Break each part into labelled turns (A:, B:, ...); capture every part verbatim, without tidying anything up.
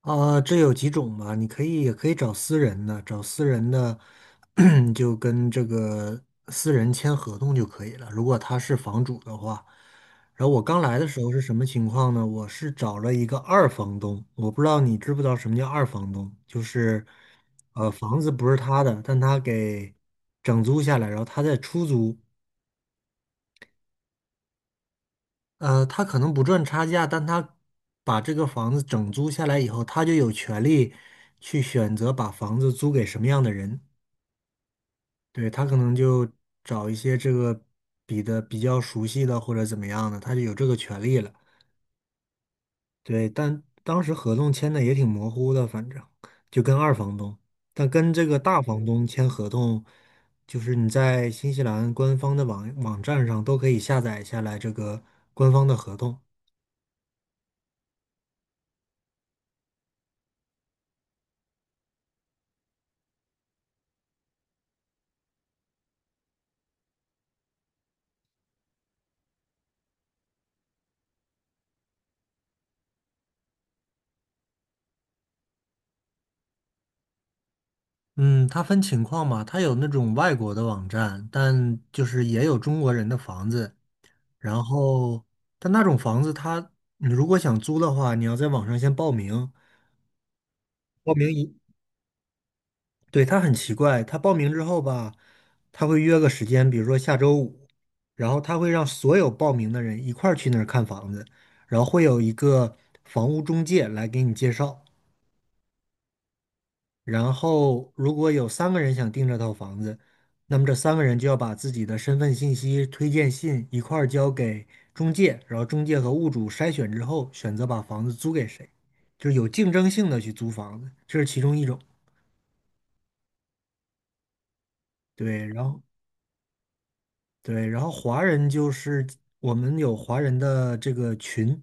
A: 啊，这有几种吧？你可以也可以找私人的，找私人的 你就跟这个私人签合同就可以了。如果他是房主的话，然后我刚来的时候是什么情况呢？我是找了一个二房东，我不知道你知不知道什么叫二房东，就是呃房子不是他的，但他给整租下来，然后他再出租。呃，他可能不赚差价，但他把这个房子整租下来以后，他就有权利去选择把房子租给什么样的人。对，他可能就找一些这个比的比较熟悉的或者怎么样的，他就有这个权利了。对，但当时合同签的也挺模糊的，反正就跟二房东，但跟这个大房东签合同，就是你在新西兰官方的网网站上都可以下载下来这个官方的合同。嗯，它分情况嘛，它有那种外国的网站，但就是也有中国人的房子。然后，但那种房子它，你如果想租的话，你要在网上先报名。报名一，对，它很奇怪，他报名之后吧，他会约个时间，比如说下周五，然后他会让所有报名的人一块儿去那儿看房子，然后会有一个房屋中介来给你介绍。然后如果有三个人想订这套房子，那么这三个人就要把自己的身份信息、推荐信一块儿交给中介，然后中介和物主筛选之后，选择把房子租给谁，就是有竞争性的去租房子，这是其中一种。对，然后对，然后华人就是我们有华人的这个群。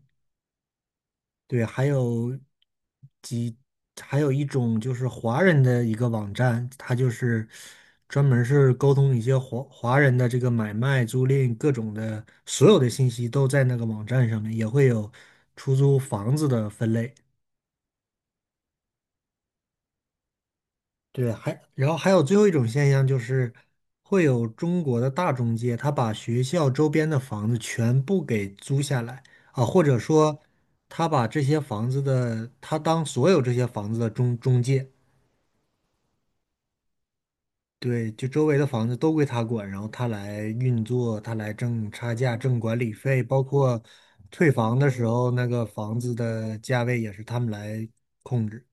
A: 对，还有几，还有一种就是华人的一个网站，它就是专门儿是沟通一些华华人的这个买卖、租赁，各种的所有的信息都在那个网站上面，也会有出租房子的分类。对，还然后还有最后一种现象就是会有中国的大中介，他把学校周边的房子全部给租下来啊，或者说他把这些房子的，他当所有这些房子的中中介。对，就周围的房子都归他管，然后他来运作，他来挣差价、挣管理费，包括退房的时候，那个房子的价位也是他们来控制。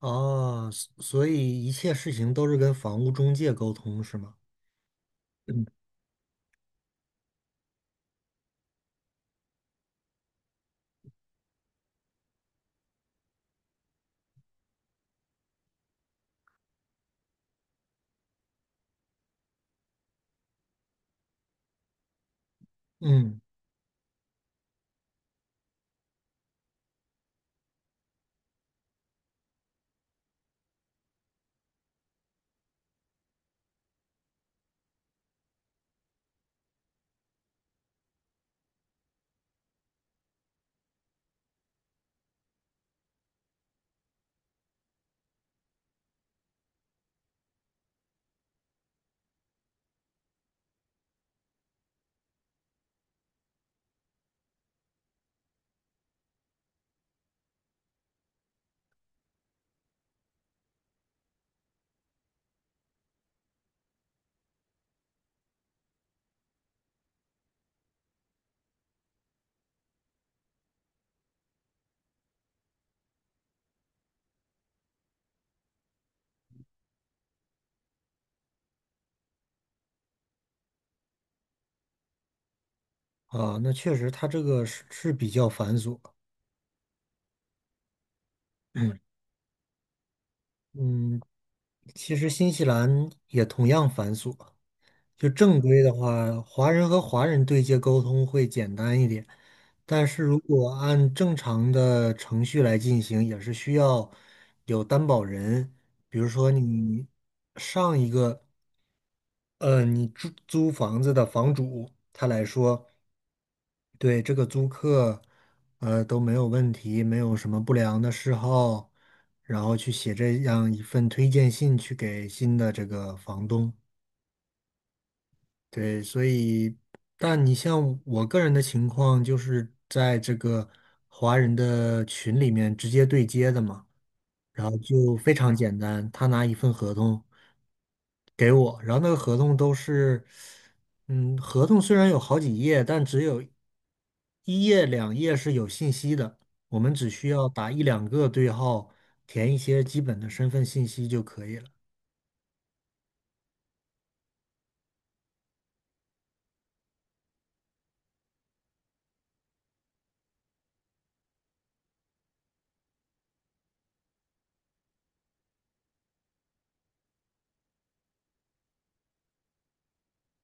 A: 哦，所所以一切事情都是跟房屋中介沟通，是吗？嗯嗯。啊，那确实，他这个是是比较繁琐。嗯嗯，其实新西兰也同样繁琐。就正规的话，华人和华人对接沟通会简单一点，但是如果按正常的程序来进行，也是需要有担保人，比如说你上一个，呃，你租租房子的房主，他来说，对这个租客，呃，都没有问题，没有什么不良的嗜好，然后去写这样一份推荐信去给新的这个房东。对，所以，但你像我个人的情况，就是在这个华人的群里面直接对接的嘛，然后就非常简单，他拿一份合同给我，然后那个合同都是，嗯，合同虽然有好几页，但只有一页两页是有信息的，我们只需要打一两个对号，填一些基本的身份信息就可以了。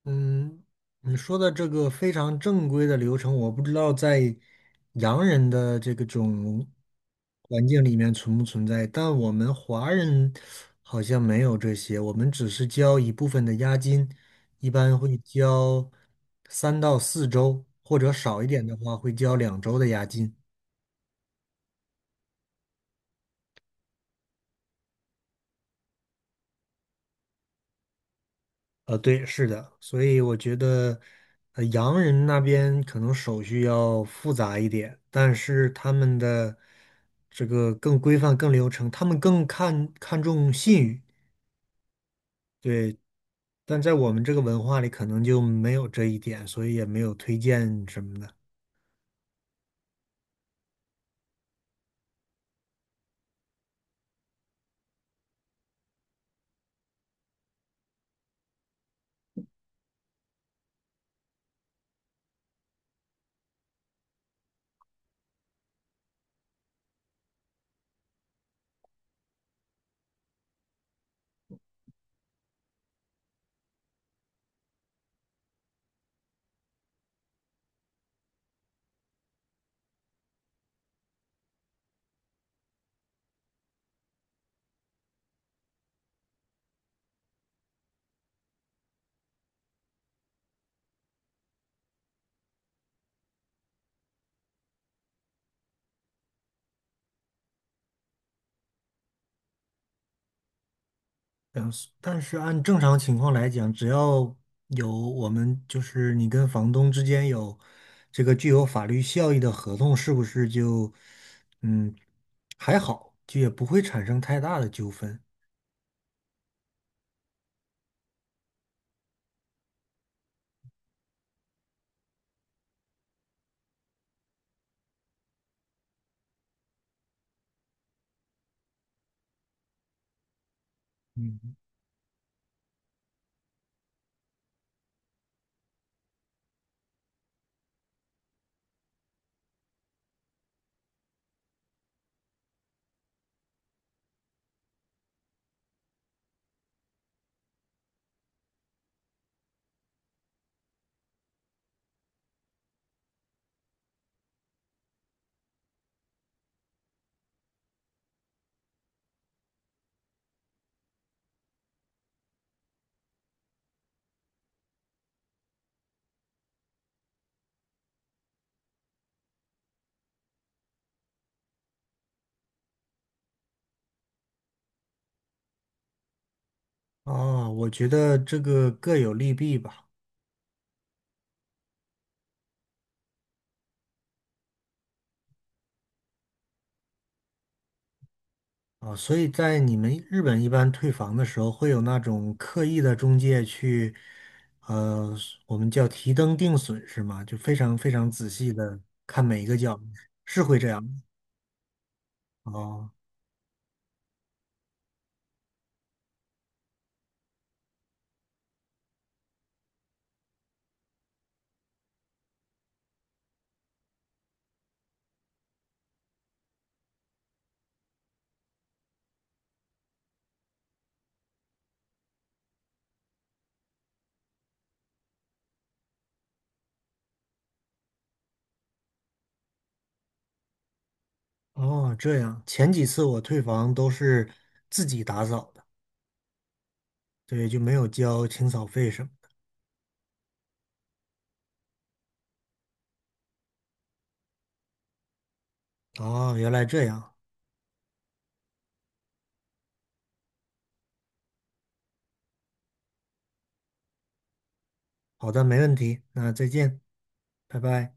A: 嗯，你说的这个非常正规的流程，我不知道在洋人的这个种环境里面存不存在，但我们华人好像没有这些，我们只是交一部分的押金，一般会交三到四周，或者少一点的话会交两周的押金。呃，对，是的，所以我觉得，呃，洋人那边可能手续要复杂一点，但是他们的这个更规范、更流程，他们更看看重信誉，对。但在我们这个文化里，可能就没有这一点，所以也没有推荐什么的。但是但是按正常情况来讲，只要有我们就是你跟房东之间有这个具有法律效益的合同，是不是就嗯还好，就也不会产生太大的纠纷嗯。啊？我觉得这个各有利弊吧。啊，所以在你们日本一般退房的时候，会有那种刻意的中介去，呃，我们叫提灯定损是吗？就非常非常仔细的看每一个角落，是会这样。哦哦，这样。前几次我退房都是自己打扫的，对，就没有交清扫费什么的。哦，原来这样。好的，没问题。那再见，拜拜。